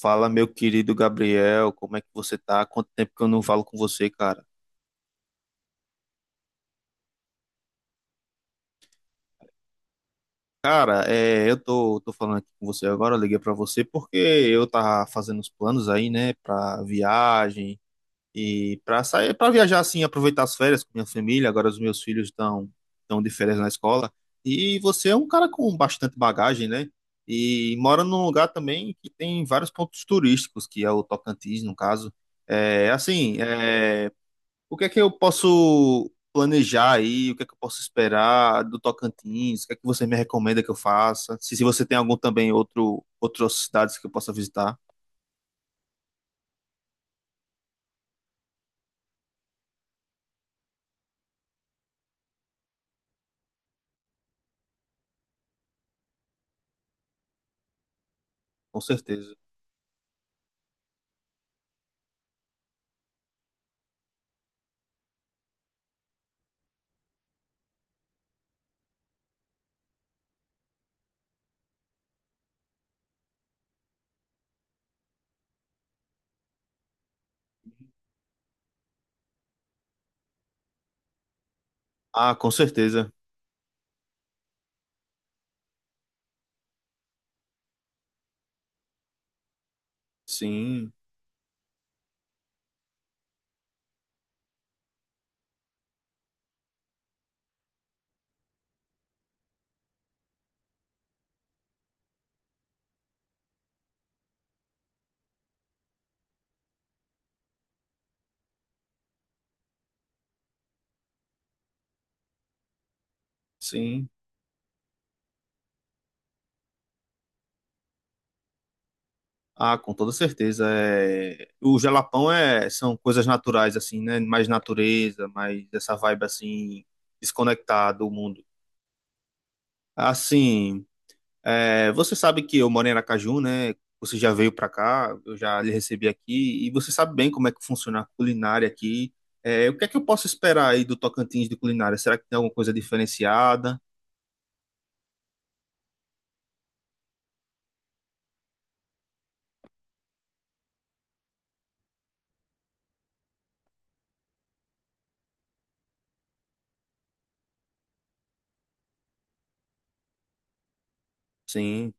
Fala, meu querido Gabriel, como é que você tá? Quanto tempo que eu não falo com você, cara? Cara, eu tô falando aqui com você agora, eu liguei pra você porque eu tava fazendo os planos aí, né, pra viagem e pra sair, pra viajar assim, aproveitar as férias com minha família. Agora os meus filhos estão de férias na escola. E você é um cara com bastante bagagem, né? E mora num lugar também que tem vários pontos turísticos, que é o Tocantins, no caso. É assim, é, O que é que eu posso planejar aí? O que é que eu posso esperar do Tocantins? O que é que você me recomenda que eu faça? Se você tem algum também outro outras cidades que eu possa visitar, com certeza. Ah, com certeza. Sim, sim. Ah, com toda certeza. É... O Jalapão são coisas naturais assim, né? Mais natureza, mais essa vibe assim desconectada do mundo. Assim, é, você sabe que eu moro em Aracaju, né? Você já veio para cá, eu já lhe recebi aqui, e você sabe bem como é que funciona a culinária aqui. É, o que é que eu posso esperar aí do Tocantins de culinária? Será que tem alguma coisa diferenciada? Sim,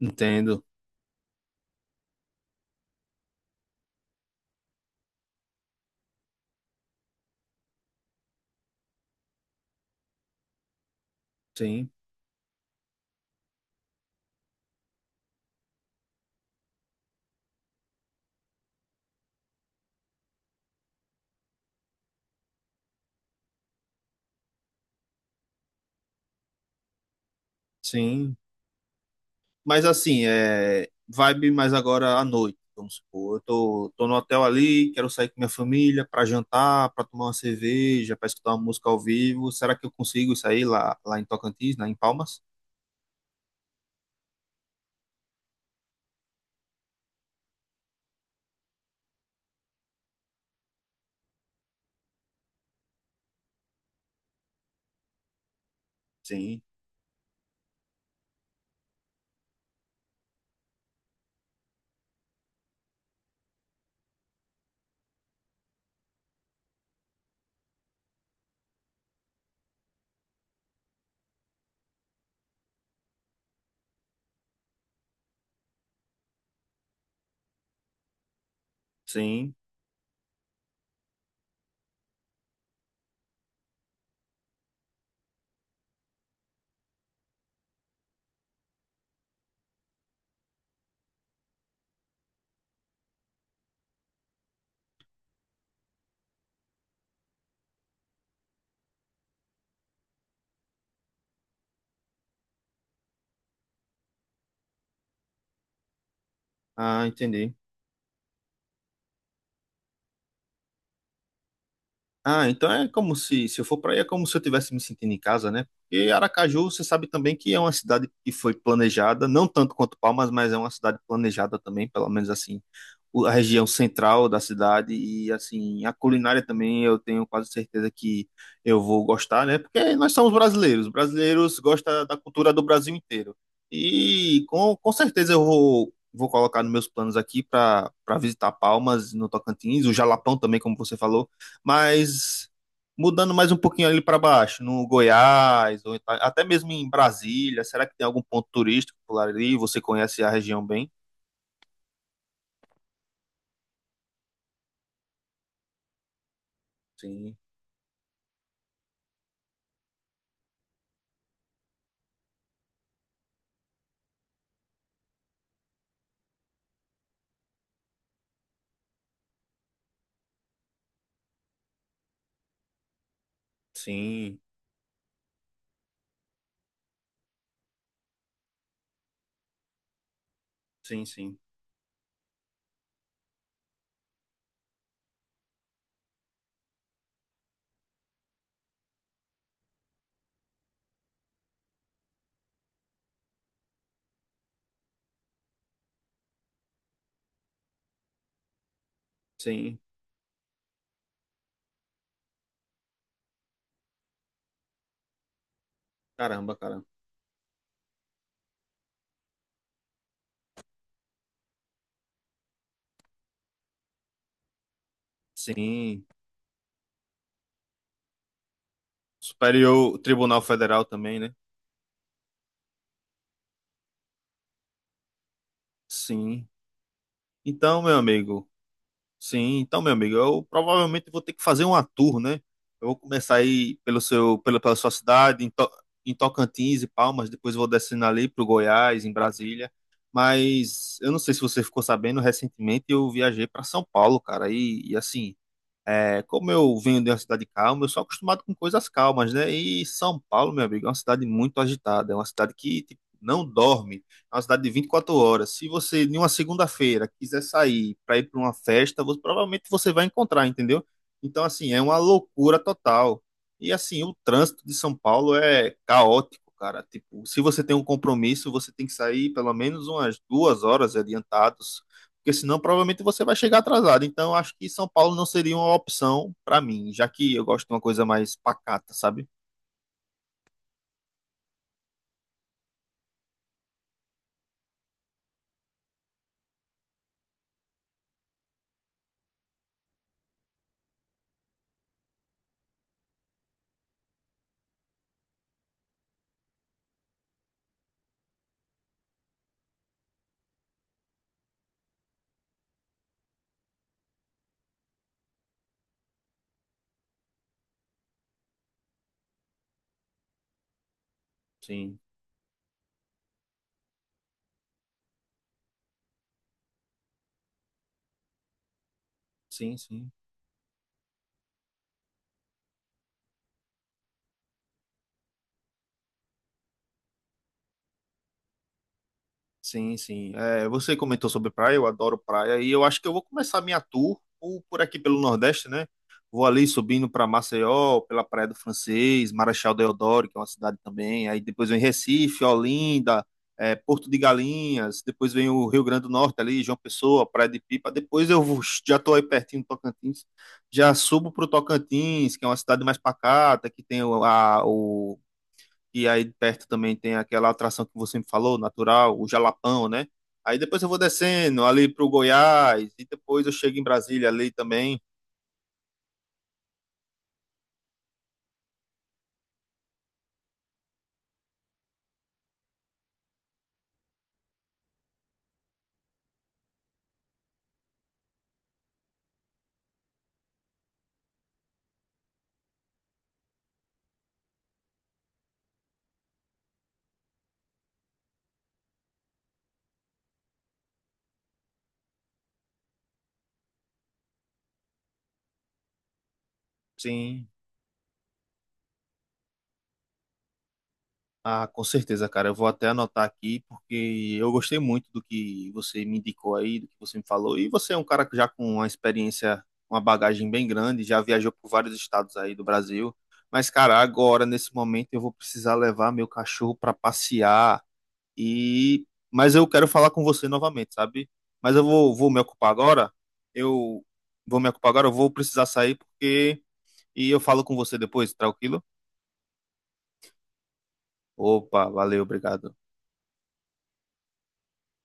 entendo. Sim, sim. Mas assim, é vibe mais agora à noite, vamos supor. Eu tô no hotel ali, quero sair com minha família para jantar, para tomar uma cerveja, para escutar uma música ao vivo. Será que eu consigo sair lá em Tocantins, né, em Palmas? Sim, sim. Ah, entendi. Ah, então é como se eu for para aí, é como se eu estivesse me sentindo em casa, né? Porque Aracaju, você sabe também que é uma cidade que foi planejada, não tanto quanto Palmas, mas é uma cidade planejada também, pelo menos assim, a região central da cidade e assim, a culinária também eu tenho quase certeza que eu vou gostar, né? Porque nós somos brasileiros, brasileiros gostam da cultura do Brasil inteiro. E com certeza eu vou colocar nos meus planos aqui para para visitar Palmas, no Tocantins, o Jalapão também, como você falou, mas mudando mais um pouquinho ali para baixo, no Goiás, ou então até mesmo em Brasília, será que tem algum ponto turístico por ali? Você conhece a região bem? Sim, sim, sim, sim, sim. Caramba, cara. Sim. Superior Tribunal Federal também, né? Sim. Então, meu amigo, sim, então, meu amigo, eu provavelmente vou ter que fazer uma tour, né? Eu vou começar aí pelo seu, pela sua cidade, em, em Tocantins e Palmas, depois vou descendo ali para o Goiás, em Brasília. Mas eu não sei se você ficou sabendo, recentemente eu viajei para São Paulo, cara, e assim, é, como eu venho de uma cidade calma, eu sou acostumado com coisas calmas, né? E São Paulo, meu amigo, é uma cidade muito agitada, é uma cidade que tipo, não dorme, é uma cidade de 24 horas. Se você, em uma segunda-feira, quiser sair para ir para uma festa, provavelmente você vai encontrar, entendeu? Então, assim, é uma loucura total. E, assim, o trânsito de São Paulo é caótico, cara. Tipo, se você tem um compromisso, você tem que sair pelo menos umas duas horas adiantados, porque senão provavelmente você vai chegar atrasado. Então acho que São Paulo não seria uma opção para mim, já que eu gosto de uma coisa mais pacata, sabe? Sim, sim, sim. Sim, sim. É, você comentou sobre praia, eu adoro praia e eu acho que eu vou começar minha tour por aqui pelo Nordeste, né? Vou ali subindo para Maceió, pela Praia do Francês, Marechal Deodoro, que é uma cidade também. Aí depois vem Recife, Olinda, é, Porto de Galinhas. Depois vem o Rio Grande do Norte ali, João Pessoa, Praia de Pipa. Depois já estou aí pertinho do Tocantins, já subo para o Tocantins, que é uma cidade mais pacata, que tem o, e aí perto também tem aquela atração que você me falou, natural, o Jalapão, né? Aí depois eu vou descendo ali pro Goiás e depois eu chego em Brasília ali também. Sim. Ah, com certeza, cara. Eu vou até anotar aqui porque eu gostei muito do que você me indicou aí, do que você me falou. E você é um cara que já com uma experiência, uma bagagem bem grande, já viajou por vários estados aí do Brasil. Mas, cara, agora, nesse momento, eu vou precisar levar meu cachorro para passear, e mas eu quero falar com você novamente, sabe? Mas eu vou me ocupar agora. Eu vou me ocupar agora, eu vou precisar sair, porque e eu falo com você depois, tranquilo? Opa, valeu, obrigado.